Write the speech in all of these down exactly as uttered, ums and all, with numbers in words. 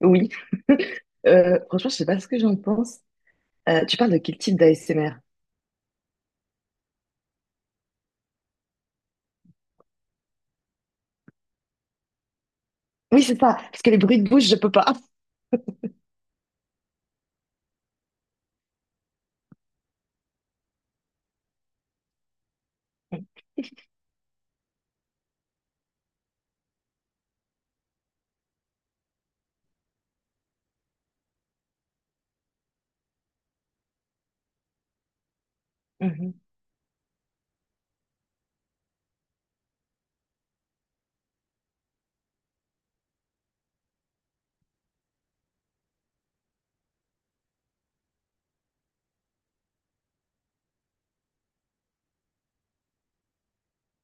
Oui. Euh, franchement, je sais pas ce que j'en pense. Euh, tu parles de quel type d'A S M R? Oui, c'est ça. Parce que les bruits de bouche, je peux pas. Mhm,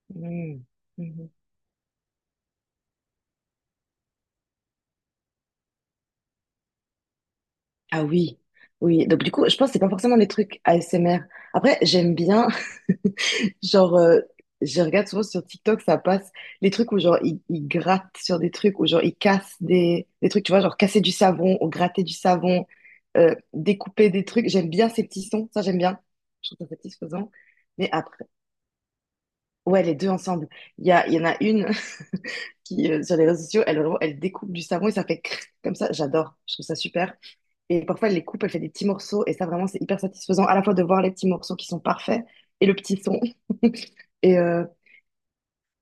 mhm, mhm. Ah oui, oui. Donc du coup, je pense que c'est pas forcément des trucs A S M R. Après, j'aime bien, genre, euh, je regarde souvent sur TikTok, ça passe les trucs où genre ils, ils grattent sur des trucs, où genre ils cassent des, des trucs, tu vois, genre casser du savon ou gratter du savon, euh, découper des trucs. J'aime bien ces petits sons, ça j'aime bien. Je trouve ça satisfaisant. Mais après, ouais, les deux ensemble. Il y a, il y en a une qui, euh, sur les réseaux sociaux, elle, elle découpe du savon et ça fait crrr comme ça. J'adore, je trouve ça super. Et parfois, elle les coupe, elle fait des petits morceaux. Et ça, vraiment, c'est hyper satisfaisant à la fois de voir les petits morceaux qui sont parfaits et le petit son. Et euh,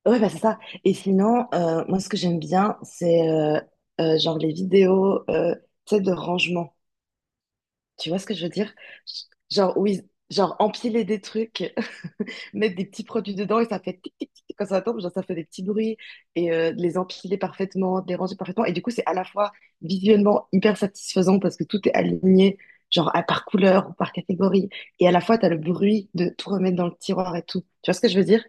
ouais, bah, c'est ça. Et sinon, euh, moi, ce que j'aime bien, c'est euh, euh, genre les vidéos, euh, tu sais, de rangement. Tu vois ce que je veux dire? Genre, oui, genre empiler des trucs. Mettre des petits produits dedans et ça fait tic tic tic quand ça tombe, genre ça fait des petits bruits et euh, de les empiler parfaitement, de les ranger parfaitement. Et du coup, c'est à la fois visuellement hyper satisfaisant parce que tout est aligné, genre à- par couleur ou par catégorie. Et à la fois, tu as le bruit de tout remettre dans le tiroir et tout. Tu vois ce que je veux dire?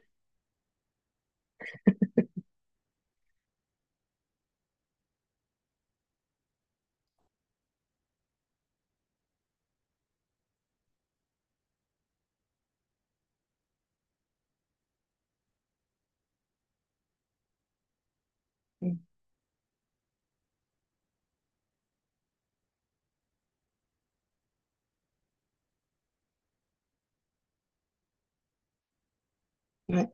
Mm. Ouais,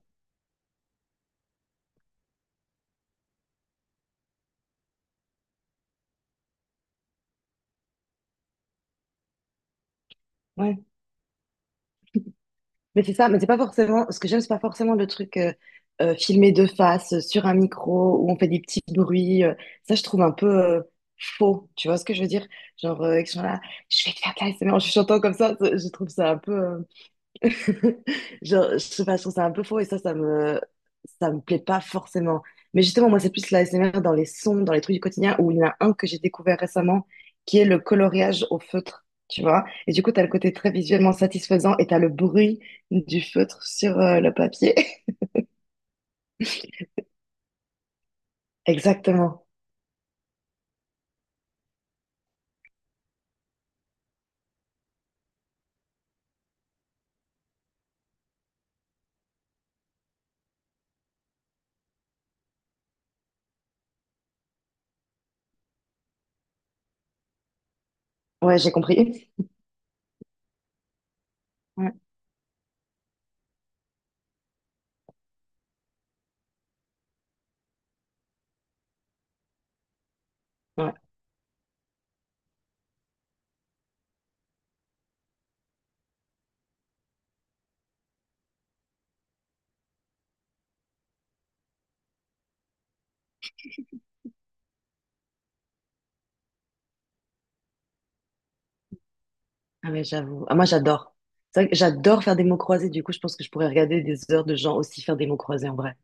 ouais. Mais c'est ça, mais c'est pas forcément, ce que j'aime, c'est pas forcément le truc euh, euh, filmé de face, euh, sur un micro, où on fait des petits bruits. Euh, ça, je trouve un peu euh, faux. Tu vois ce que je veux dire? Genre, euh, ils sont là, je vais te faire de l'A S M R en chuchotant comme ça, ça, je trouve ça un peu. euh, Genre, je sais pas, je trouve ça un peu faux et ça, ça me, ça me plaît pas forcément. Mais justement, moi, c'est plus la S M R dans les sons, dans les trucs du quotidien, où il y en a un que j'ai découvert récemment, qui est le coloriage au feutre, tu vois. Et du coup, t'as le côté très visuellement satisfaisant et t'as le bruit du feutre sur euh, le papier. Exactement. Ouais, j'ai compris. Ouais, ouais. Ah mais j'avoue. Ah, moi, j'adore. C'est vrai que j'adore faire des mots croisés, du coup, je pense que je pourrais regarder des heures de gens aussi faire des mots croisés en vrai.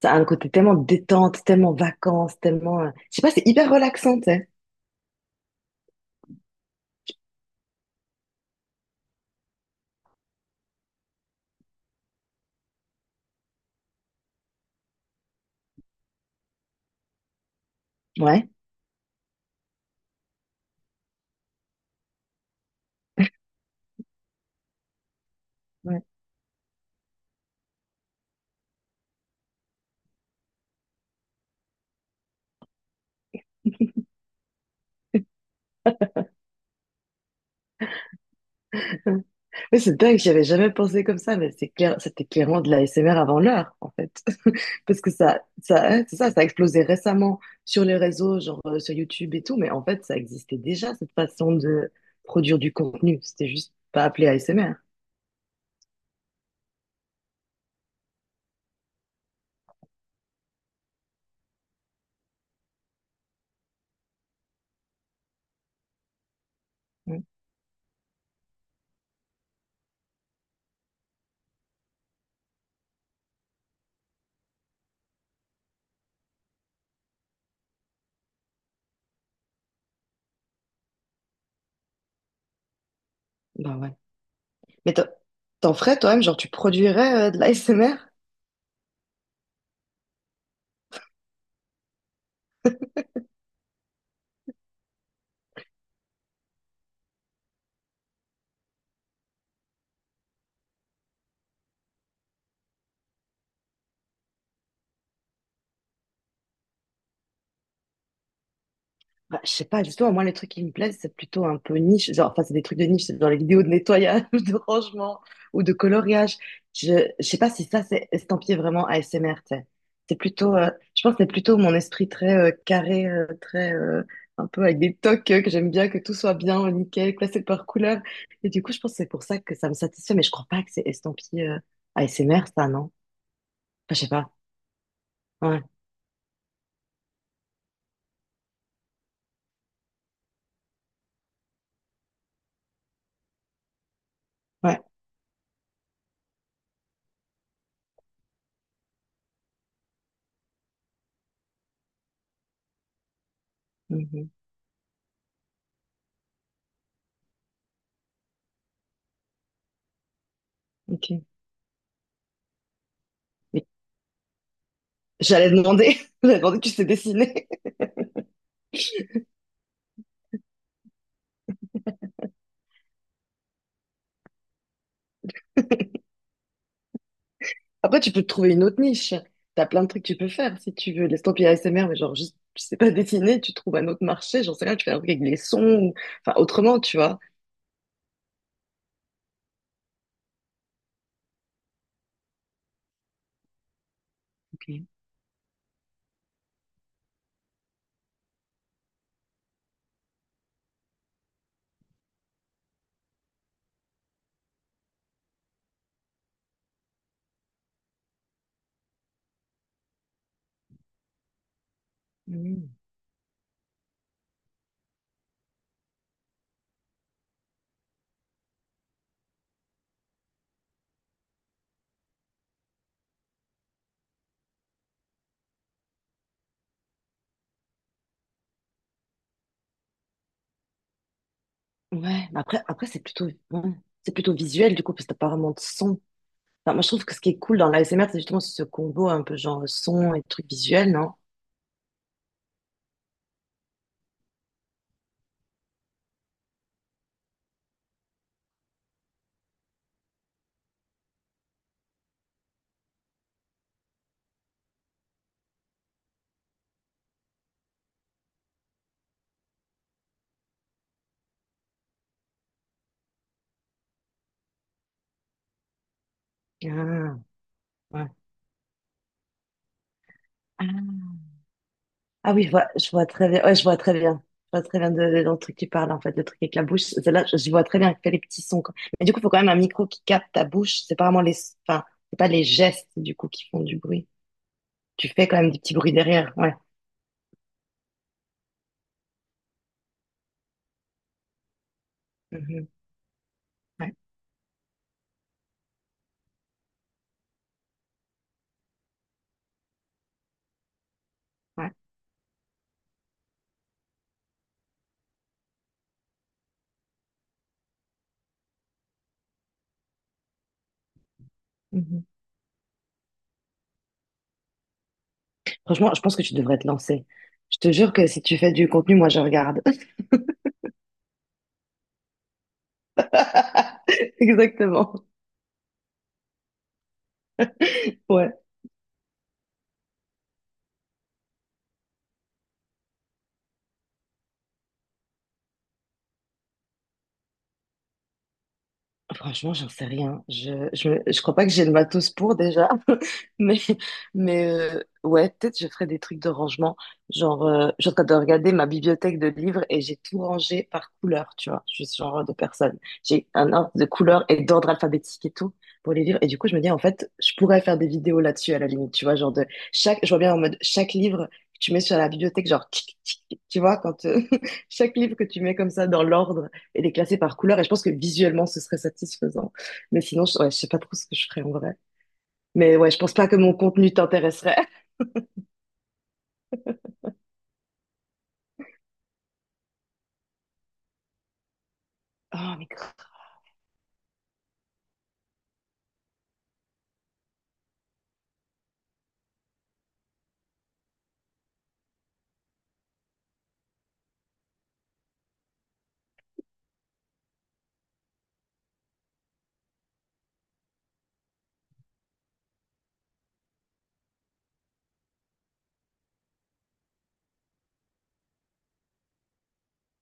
Ça a un côté tellement détente, tellement vacances, tellement, euh, je sais pas, c'est hyper relaxant, tu sais. Ouais. Ouais, ouais, c'est dingue, j'y avais jamais pensé comme ça, mais c'est clair, c'était clairement de l'A S M R avant l'heure. Parce que ça, ça, hein, c'est ça, ça a explosé récemment sur les réseaux, genre euh, sur YouTube et tout, mais en fait, ça existait déjà, cette façon de produire du contenu. C'était juste pas appelé A S M R. Bah ouais. Mais t'en t'en ferais toi-même, genre tu produirais euh, de l'A S M R? Bah, je sais pas, justement, moi, les trucs qui me plaisent, c'est plutôt un peu niche. Genre, enfin, c'est des trucs de niche, c'est dans les vidéos de nettoyage, de rangement ou de coloriage. Je, je sais pas si ça, c'est estampillé vraiment A S M R, tu sais. C'est plutôt, euh, je pense que c'est plutôt mon esprit très euh, carré, euh, très, euh, un peu avec des tocs euh, que j'aime bien, que tout soit bien, nickel, classé par couleur. Et du coup, je pense que c'est pour ça que ça me satisfait, mais je crois pas que c'est estampillé euh, A S M R, ça, non? Enfin, je sais pas. Ouais, ouais. Mhm. Ok. Mais J'allais demander, j'allais demander, tu sais dessiner. Après, tu peux te trouver une autre niche. T'as plein de trucs que tu peux faire si tu veux. Laisse tomber A S M R, mais genre juste, tu sais pas dessiner, tu trouves un autre marché, j'en sais rien, tu fais un truc avec les sons, ou, enfin, autrement, tu vois. Ok. Mm. Ouais, mais après, après c'est plutôt, ouais, c'est plutôt visuel du coup, parce que t'as pas vraiment de son. Enfin, moi, je trouve que ce qui est cool dans l'A S M R, c'est justement ce combo un peu genre son et truc visuel, non? Ah, ouais. Ah. Ah oui, je vois, je vois très bien. Ouais, je vois très bien. Je vois très bien de, de- dans le truc qui parle, en fait, le truc avec la bouche. Celle-là, je, je vois très bien, elle fait les petits sons, quoi. Mais du coup, il faut quand même un micro qui capte ta bouche. C'est pas vraiment les, enfin, c'est pas les gestes, du coup, qui font du bruit. Tu fais quand même des petits bruits derrière. Ouais. Mhm. Ouais. Ouais. Mhm. Franchement, je pense que tu devrais te lancer. Je te jure que si tu fais du contenu, moi, je regarde. Exactement. Ouais. Franchement, j'en sais rien. Je, je, je crois pas que j'ai le matos pour déjà. Mais, mais euh, ouais, peut-être je ferai des trucs de rangement. Genre, euh, je suis en train de regarder ma bibliothèque de livres et j'ai tout rangé par couleur, tu vois. Je suis ce genre de personne. J'ai un ordre de couleur et d'ordre alphabétique et tout pour les livres. Et du coup, je me dis, en fait, je pourrais faire des vidéos là-dessus à la limite, tu vois. Genre, de chaque, je vois bien en mode chaque livre que tu mets sur la bibliothèque, genre, tic, tic, tic, tu vois, quand euh, chaque livre que tu mets comme ça dans l'ordre et les classer par couleur. Et je pense que visuellement, ce serait satisfaisant. Mais sinon, je, ouais, je sais pas trop ce que je ferais en vrai. Mais ouais, je pense pas que mon contenu t'intéresserait. Oh, mais grave.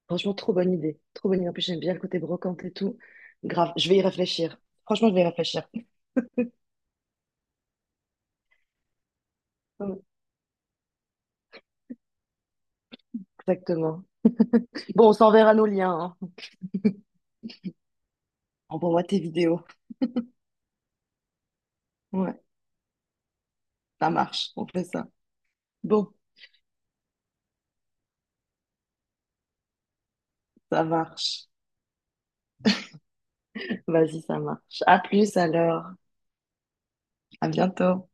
Franchement, trop bonne idée. Trop bonne idée. En plus, j'aime bien le côté brocante et tout. Grave, je vais y réfléchir. Franchement, je vais y réfléchir. Ouais, exactement. Bon, on s'enverra nos liens, hein. Envoie-moi tes vidéos. Ouais, ça marche. On fait ça. Bon, ça marche. Vas-y, ça marche. À plus alors. À bientôt.